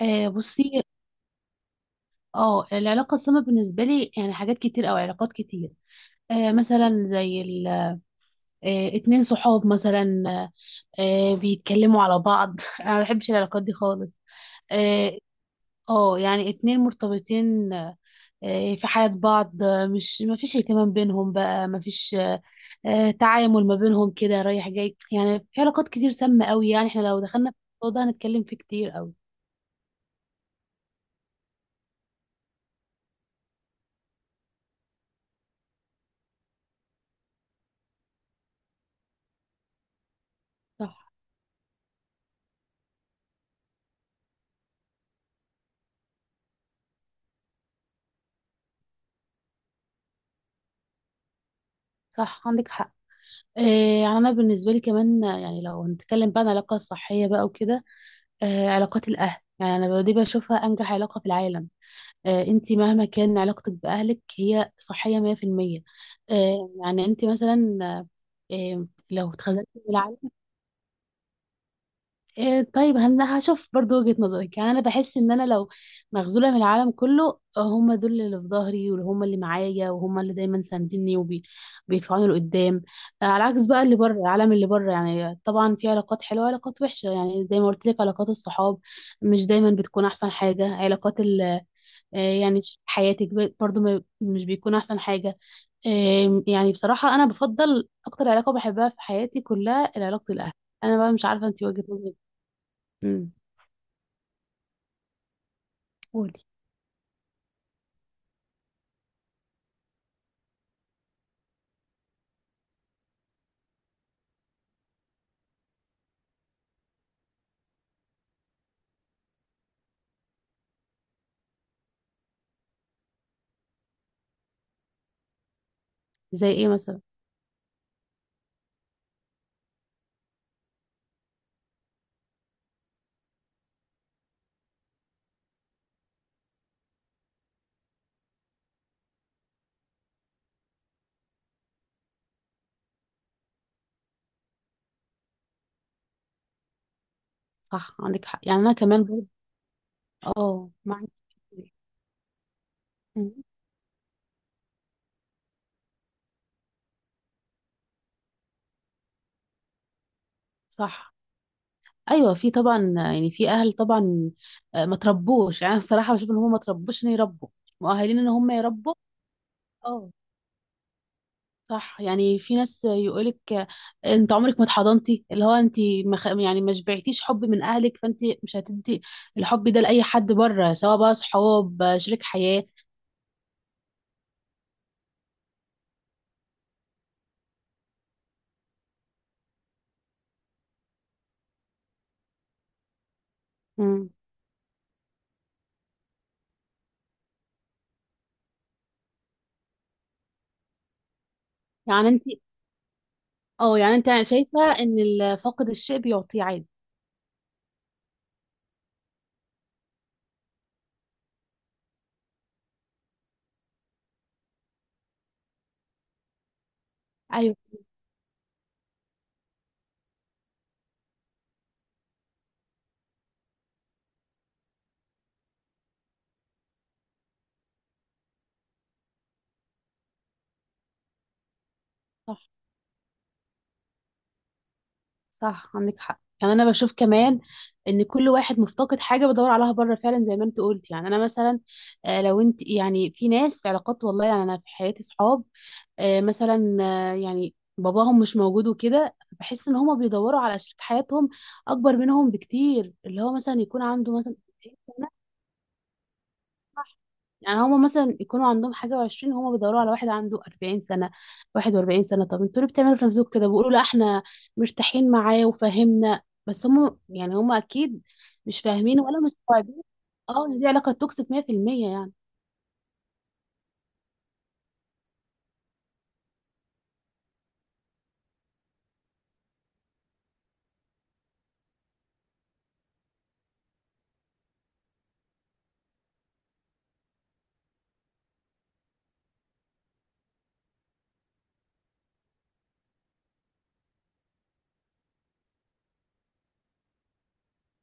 آه، بصي. اه العلاقة السامة بالنسبة لي يعني حاجات كتير أو علاقات كتير. مثلا زي ال آه اتنين صحاب مثلا، بيتكلموا على بعض. أنا ما بحبش العلاقات دي خالص. اه. يعني اتنين مرتبطين في حياة بعض، مش ما فيش اهتمام بينهم بقى ما فيش تعامل ما بينهم كده رايح جاي. يعني في علاقات كتير سامة قوي. يعني احنا لو دخلنا في الموضوع ده هنتكلم فيه كتير قوي. صح. صح عندك حق. آه، يعني انا بالنسبه لي كمان، يعني لو هنتكلم بقى عن العلاقه الصحيه بقى وكده. علاقات الاهل، يعني انا دي بشوفها انجح علاقه في العالم. انت مهما كان علاقتك باهلك هي صحيه 100%. يعني انت مثلا، لو اتخذلتي من العالم. إيه طيب، انا هشوف برضو وجهة نظرك. يعني انا بحس ان انا لو مغزولة من العالم كله، هم دول اللي في ظهري وهم اللي معايا وهم اللي دايما ساندني وبيدفعوني لقدام. على العكس بقى، اللي بره العالم اللي بره، يعني طبعا في علاقات حلوة وعلاقات وحشة. يعني زي ما قلت لك، علاقات الصحاب مش دايما بتكون احسن حاجة. علاقات ال آه، يعني في حياتك ب- برضو ما- مش بيكون احسن حاجة. يعني بصراحة انا بفضل اكتر علاقة بحبها في حياتي كلها علاقة الاهل. انا بقى مش عارفة انت وجهة نظرك. قولي. زي ايه مثلا؟ صح عندك حق، يعني انا كمان برضه. اه، معاك. مم. صح. ايوه في طبعا، يعني في اهل طبعا ما تربوش. يعني أنا بصراحه بشوف ان هم ما تربوش ان يربوا مؤهلين ان هم يربوا. اه. صح. يعني في ناس يقولك انت عمرك ما اتحضنتي، اللي هو انت ما خ- يعني ما شبعتيش حب من اهلك، فانت مش هتدي الحب ده لاي حد بره، سواء بقى صحاب شريك حياه. مم. يعني انت، اه يعني انت شايفه ان فاقد الشيء بيعطيه عادي. ايوه. صح. صح عندك حق. يعني انا بشوف كمان ان كل واحد مفتقد حاجه بدور عليها بره فعلا، زي ما انت قلت. يعني انا مثلا، لو انت، يعني في ناس علاقات والله. يعني انا في حياتي صحاب مثلا، يعني باباهم مش موجود وكده، بحس ان هما بيدوروا على شريك حياتهم اكبر منهم بكتير. اللي هو مثلا يكون عنده مثلا، يعني هما مثلا يكونوا عندهم حاجة وعشرين، هما بيدوروا على واحد عنده 40 سنة، 41 سنة. طب انتوا ليه بتعملوا في نفسكم كده؟ بيقولوا لا احنا مرتاحين معاه وفاهمنا، بس هما، يعني هما أكيد مش فاهمين ولا مستوعبين. اه، إن دي علاقة توكسيك 100%. يعني.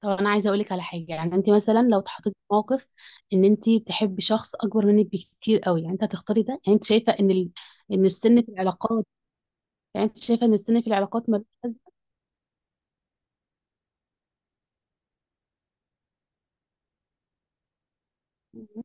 طب أنا عايزة أقولك على حاجة. يعني أنت مثلا لو اتحطيتي في موقف إن أنت تحبي شخص أكبر منك بكتير قوي، يعني أنت هتختاري ده؟ يعني انت شايفه ان ان السن في العلاقات، يعني انت شايفه ان السن في العلاقات ملوش لازمه؟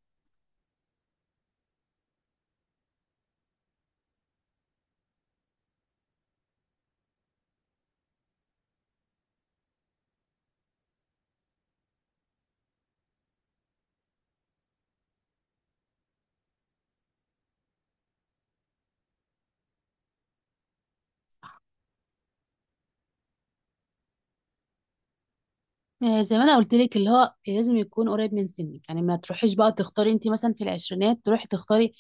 زي ما انا قلت لك، اللي هو لازم يكون قريب من سنك. يعني ما تروحيش بقى تختاري، انت مثلا في العشرينات تروحي تختاري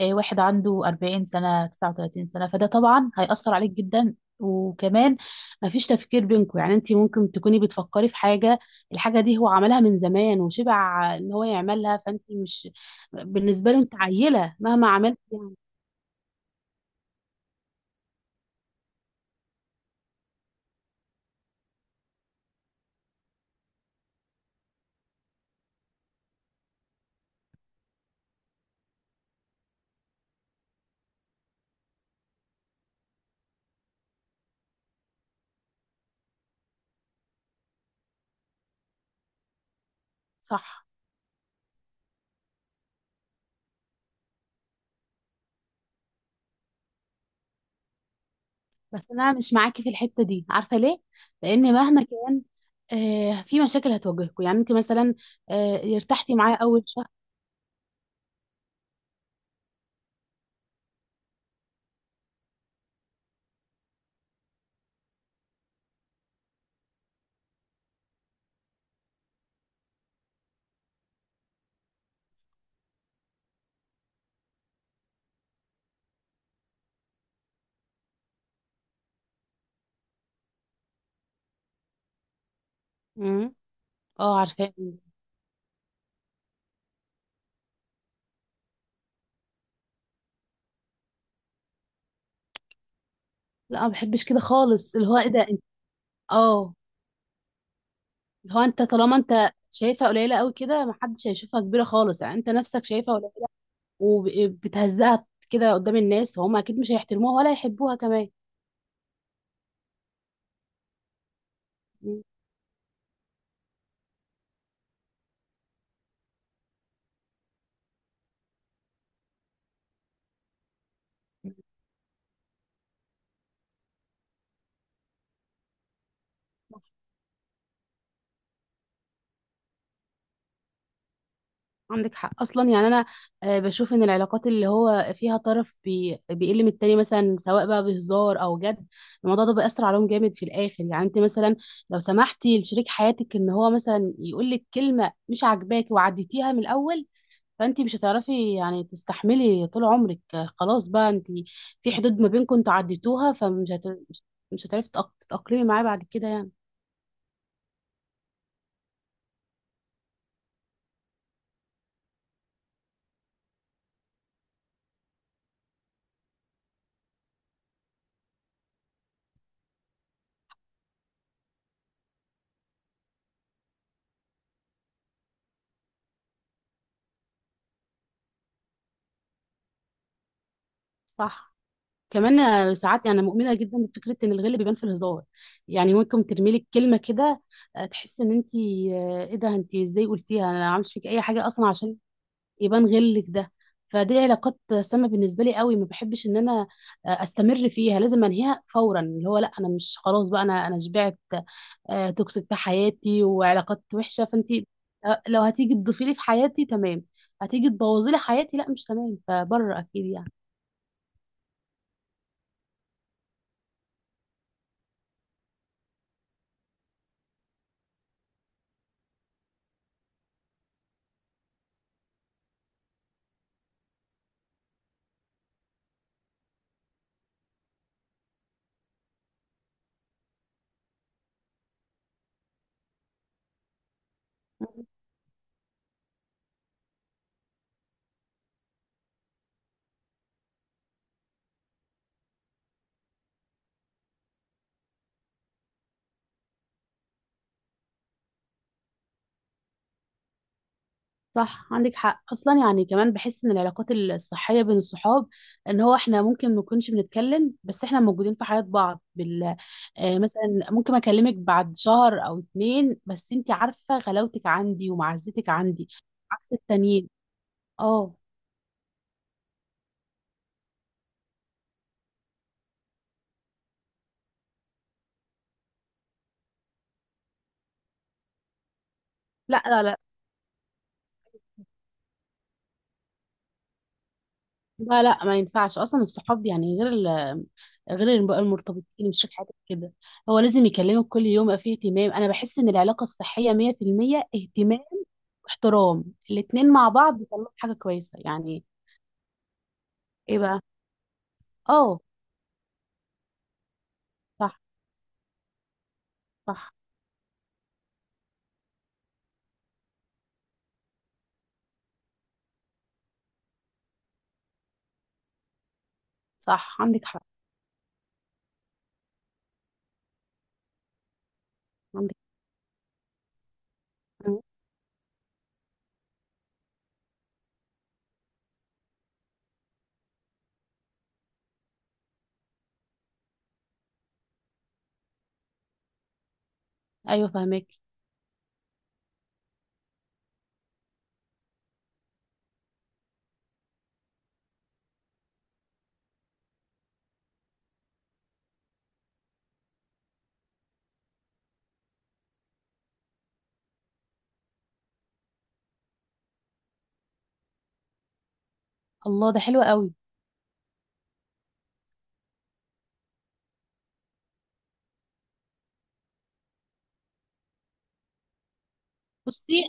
واحد عنده 40 سنة 39 سنة. فده طبعا هيأثر عليك جدا. وكمان ما فيش تفكير بينكم. يعني انت ممكن تكوني بتفكري في حاجة، الحاجة دي هو عملها من زمان وشبع ان هو يعملها، فانت مش، بالنسبة له انت عيلة مهما عملت يعني. صح. بس انا مش معاكي في الحته دي، عارفه ليه؟ لان مهما كان في مشاكل هتواجهكم. يعني انت مثلا ارتحتي معاه اول شهر. امم. اه، عارفاه. لا ما بحبش كده خالص. اللي هو ايه ده انت؟ اه، اللي هو انت طالما انت شايفها قليله قوي كده، ما حدش هيشوفها كبيره خالص. يعني انت نفسك شايفها قليله وبتهزقها كده قدام الناس، وهم اكيد مش هيحترموها ولا يحبوها كمان. مم. عندك حق اصلا. يعني انا بشوف ان العلاقات اللي هو فيها طرف بيقل من التاني، مثلا سواء بقى بهزار او جد، الموضوع ده بيأثر عليهم جامد في الاخر. يعني انت مثلا لو سمحتي لشريك حياتك ان هو مثلا يقول لك كلمه مش عاجباكي وعديتيها من الاول، فانت مش هتعرفي يعني تستحملي طول عمرك. خلاص بقى انت في حدود ما بينكم انتوا عديتوها، فمش مش هتعرفي تتأقلمي معاه بعد كده يعني. صح. كمان ساعات انا مؤمنه جدا بفكره ان الغل بيبان في الهزار. يعني ممكن ترمي لك كلمه كده، تحس ان انت ايه ده؟ انت ازاي قلتيها؟ انا ما عملتش فيك اي حاجه اصلا عشان يبان غلك ده. فدي علاقات سامه بالنسبه لي قوي، ما بحبش ان انا استمر فيها. لازم انهيها فورا. اللي هو لا، انا مش، خلاص بقى، انا شبعت توكسيك في حياتي وعلاقات وحشه. فانت لو هتيجي تضيفي لي في حياتي تمام، هتيجي تبوظي لي حياتي لا مش تمام فبره اكيد يعني. صح عندك حق اصلا. يعني كمان بحس ان العلاقات الصحيه بين الصحاب ان هو احنا ممكن ما نكونش بنتكلم، بس احنا موجودين في حياه بعض، بال آه مثلا ممكن اكلمك بعد شهر او اتنين، بس انت عارفه غلاوتك عندي ومعزتك عندي، عكس التانيين. اه. لا لا لا. لا لا ما ينفعش اصلا. الصحاب يعني غير المرتبطين، مش شريك حياتك كده. هو لازم يكلمك كل يوم يبقى فيه اهتمام. انا بحس ان العلاقه الصحيه 100% اهتمام واحترام. الاتنين مع بعض بيطلعوا حاجة كويسة يعني. ايه بقى؟ اه. صح. صح. صح عندك حق. عندك حق. ايوه، فهمك. الله، ده حلو قوي. بصي،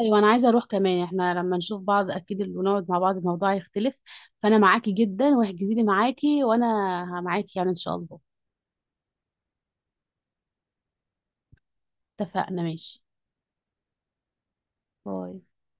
ايوه انا عايزه اروح كمان. احنا لما نشوف بعض اكيد اللي ونقعد مع بعض الموضوع هيختلف. فانا معاكي جدا، واحجزي لي معاكي وانا معاكي يعني، ان شاء الله. اتفقنا. ماشي، باي.